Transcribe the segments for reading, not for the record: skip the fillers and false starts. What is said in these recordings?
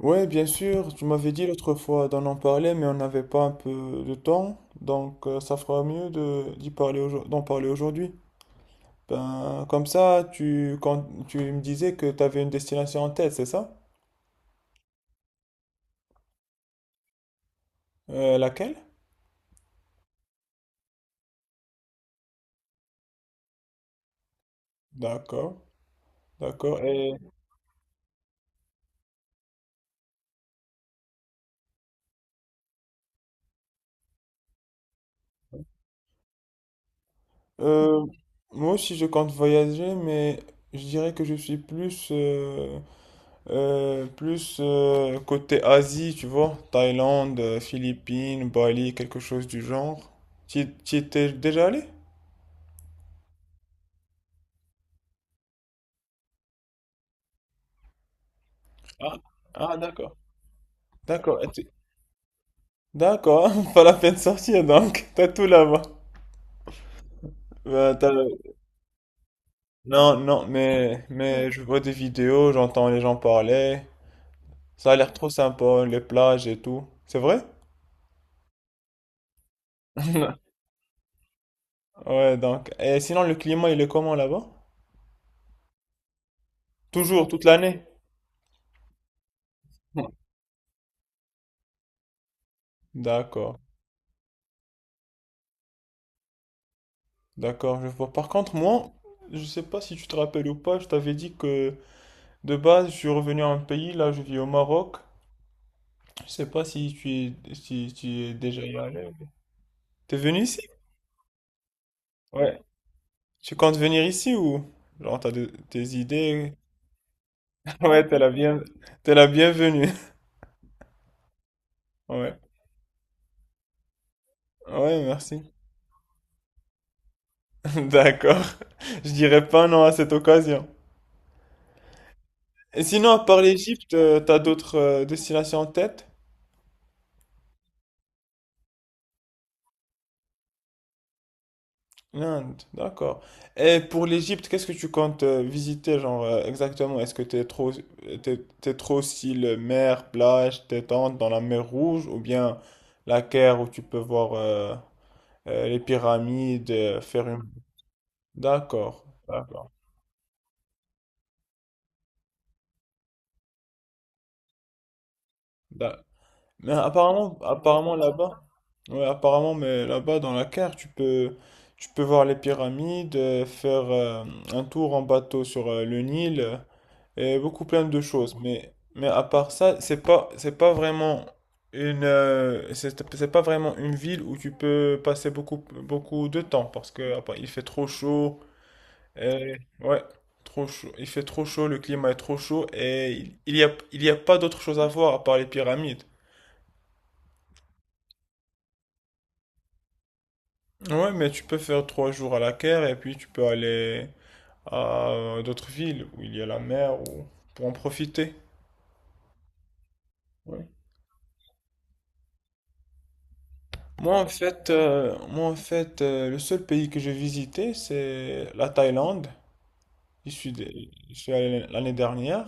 Ouais, bien sûr, tu m'avais dit l'autre fois d'en en parler, mais on n'avait pas un peu de temps, donc ça fera mieux de d'y parler aujourd- d'en parler aujourd'hui. Ben, comme ça, tu me disais que tu avais une destination en tête, c'est ça? Laquelle? D'accord, d'accord. Et euh, moi aussi, je compte voyager, mais je dirais que je suis plus plus côté Asie, tu vois, Thaïlande, Philippines, Bali, quelque chose du genre. Tu y étais déjà allé? Ah, ah, d'accord. D'accord. et tu- D'accord, pas la peine de sortir donc, t'as tout là-bas. Euh, t'as- non, non, mais je vois des vidéos, j'entends les gens parler. Ça a l'air trop sympa, les plages et tout. C'est vrai? Ouais, donc. Et sinon, le climat, il est comment là-bas? Toujours, toute l'année? D'accord. D'accord, je vois. Par contre, moi, je sais pas si tu te rappelles ou pas, je t'avais dit que de base, je suis revenu à un pays, là, je vis au Maroc. Je sais pas si tu es, si tu y es déjà y allé. T'es venu ici? Ouais. Tu comptes venir ici ou? Genre, tes idées. Ouais, t'es la bien, T'es la bienvenue. Ouais. Ouais, merci. D'accord. Je dirais pas non à cette occasion. Et sinon, à part l'Égypte, t'as d'autres destinations en tête? L'Inde, d'accord. Et pour l'Égypte, qu'est-ce que tu comptes visiter, genre, exactement? Est-ce que t'es trop, t'es, t'es trop style mer, plage, détente dans la mer Rouge, ou bien la Caire où tu peux voir les pyramides, faire une... D'accord, d'accord. d'a- Mais apparemment là-bas, ouais, apparemment, mais là-bas dans la Caire, tu peux voir les pyramides, faire un tour en bateau sur le Nil. Et beaucoup plein de choses. Mais à part ça, c'est pas vraiment c'est pas vraiment une ville où tu peux passer beaucoup de temps parce que il fait trop chaud. Et, ouais, trop chaud. Il fait trop chaud, le climat est trop chaud et il y a pas d'autre chose à voir à part les pyramides. Ouais, mais tu peux faire trois jours à la Caire et puis tu peux aller à d'autres villes où il y a la mer ou pour en profiter. Ouais. Moi, en fait le seul pays que j'ai visité, c'est la Thaïlande. Je suis, de- je suis allé l'année dernière.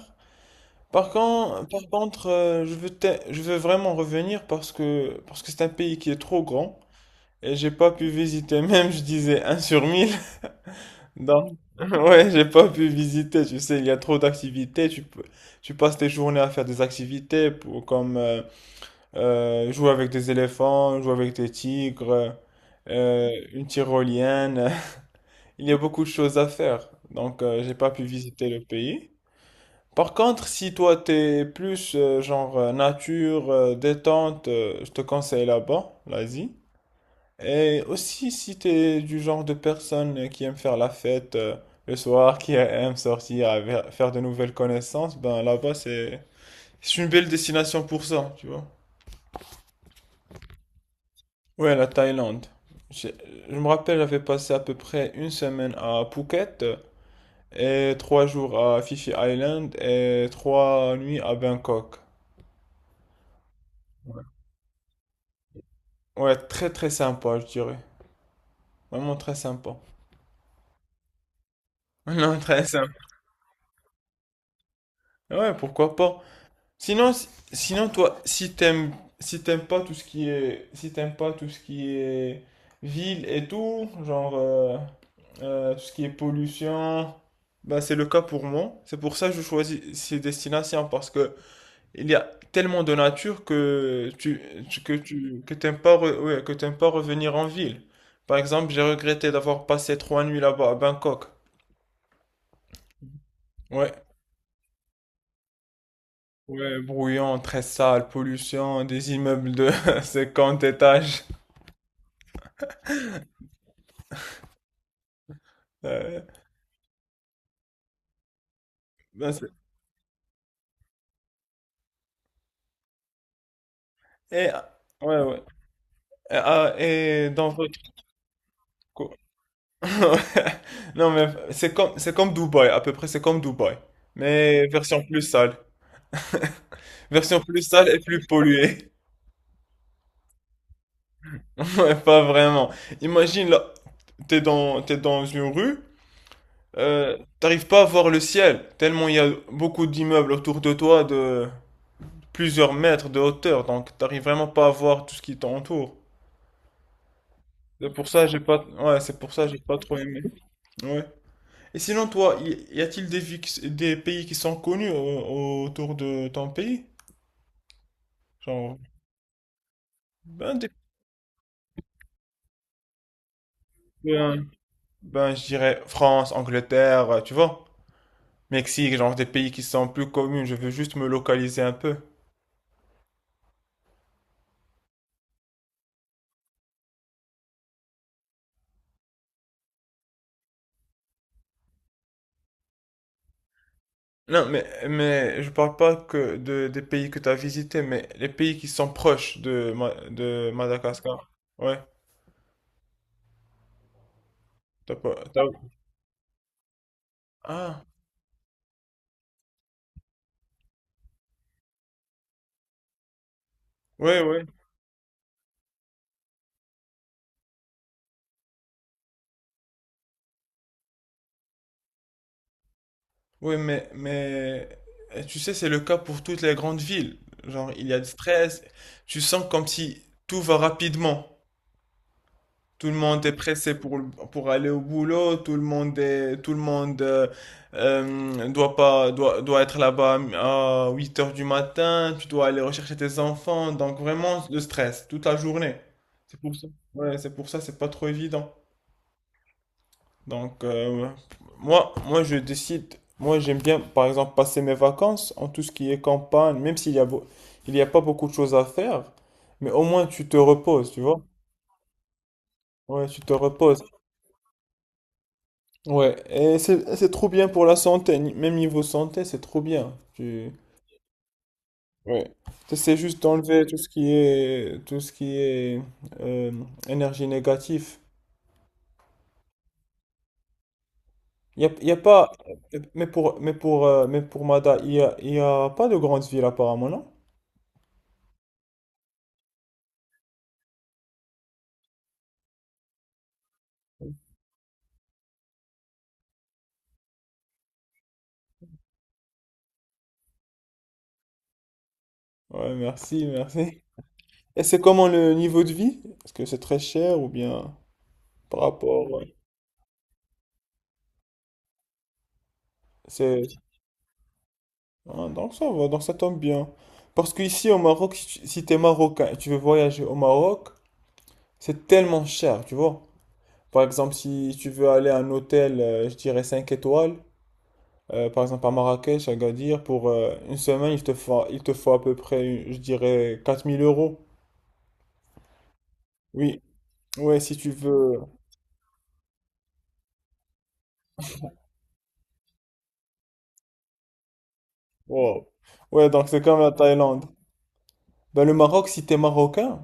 Par contre je veux, je veux vraiment revenir parce que c'est un pays qui est trop grand et j'ai pas pu visiter, même je disais un sur 1000. Donc, ouais, j'ai pas pu visiter, tu sais, il y a trop d'activités. Tu peux, tu passes tes journées à faire des activités comme, jouer avec des éléphants, jouer avec des tigres, une tyrolienne. Il y a beaucoup de choses à faire, donc j'ai pas pu visiter le pays. Par contre, si toi t'es plus genre nature, détente, je te conseille là-bas, l'Asie. Et aussi si t'es du genre de personne qui aime faire la fête le soir, qui aime sortir, faire de nouvelles connaissances, ben là-bas c'est une belle destination pour ça, tu vois. Ouais, la Thaïlande. J'ai- Je me rappelle, j'avais passé à peu près une semaine à Phuket et trois jours à Phi Phi Island et trois nuits à Bangkok. Ouais, très très sympa, je dirais. Vraiment très sympa. Non, très sympa. Ouais, pourquoi pas. Sinon, si- Sinon toi, si t'aimes, si t'aimes pas tout ce qui est, si t'aimes pas tout ce qui est ville et tout, genre tout ce qui est pollution, bah c'est le cas pour moi. C'est pour ça que je choisis ces destinations parce que il y a tellement de nature que tu, tu, que t'aimes pas, ouais, que t'aimes pas revenir en ville. Par exemple, j'ai regretté d'avoir passé trois nuits là-bas à Bangkok. Ouais. Ouais, bruyant, très sale, pollution, des immeubles de 50 étages. Euh, ben, c'est- et, ah, ouais, ouais. Et, ah, et dans votre co- Non, mais c'est comme Dubaï, à peu près c'est comme Dubaï. Mais version plus sale. Version plus sale et plus polluée. Ouais, pas vraiment. Imagine là, t'es dans une rue, t'arrives pas à voir le ciel, tellement il y a beaucoup d'immeubles autour de toi de plusieurs mètres de hauteur, donc t'arrives vraiment pas à voir tout ce qui t'entoure. C'est pour ça j'ai pas trop aimé. Ouais. Et sinon, toi, y a-t-il des, des pays qui sont connus autour de ton pays? Genre, ben, des- ben, ben, je dirais France, Angleterre, tu vois, Mexique, genre des pays qui sont plus connus, je veux juste me localiser un peu. Non, mais je parle pas que des pays que tu as visités, mais les pays qui sont proches de, de Madagascar. Ouais, t'as pas, t'as- Ah, ouais, ouais. Oui, mais tu sais, c'est le cas pour toutes les grandes villes. Genre, il y a du stress. Tu sens comme si tout va rapidement. Tout le monde est pressé pour aller au boulot. Tout le monde doit pas, doit, doit être là-bas à 8 heures du matin. Tu dois aller rechercher tes enfants. Donc, vraiment, le stress toute la journée. C'est pour ça. Ouais, c'est pour ça, c'est pas trop évident. Donc, moi, je décide. Moi, j'aime bien, par exemple, passer mes vacances en tout ce qui est campagne, même s'il y a, beau- il y a pas beaucoup de choses à faire. Mais au moins, tu te reposes, tu vois? Ouais, tu te reposes. Ouais, c'est trop bien pour la santé. Même niveau santé, c'est trop bien. Tu, ouais. T'essaies juste d'enlever tout ce qui est euh, énergie négative. Y a pas. Mais pour Mada, y a pas de grande ville apparemment, non? Ouais, merci, merci. Et c'est comment le niveau de vie? Est-ce que c'est très cher ou bien par rapport... C'est... Ah, donc ça va, donc ça tombe bien. Parce qu'ici au Maroc, si t'es marocain et tu veux voyager au Maroc, c'est tellement cher, tu vois. Par exemple, si tu veux aller à un hôtel, je dirais 5 étoiles, par exemple à Marrakech, à Agadir, pour une semaine, il te faut à peu près, je dirais, 4 000 euros. Oui, ouais, si tu veux... Wow. Ouais, donc c'est comme la Thaïlande. Ben, le Maroc, si t'es marocain,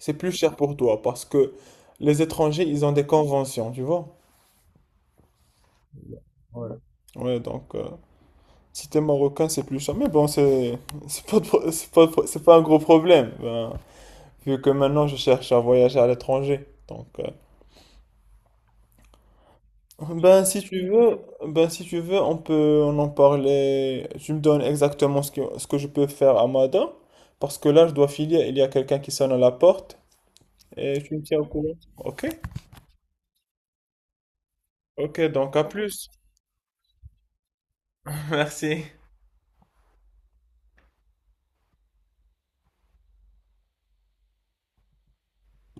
c'est plus cher pour toi parce que les étrangers, ils ont des conventions, tu vois. Ouais. Ouais, donc si t'es marocain, c'est plus cher. Mais bon, c'est pas, de pro- c'est pas, de pro- c'est pas un gros problème, ben, vu que maintenant je cherche à voyager à l'étranger. Donc, ben si tu veux, ben si tu veux, on en parler. Tu me donnes exactement ce que je peux faire à Mada, parce que là, je dois filer. Il y a quelqu'un qui sonne à la porte et tu me tiens au courant. Ok? Ok, donc à plus. Merci.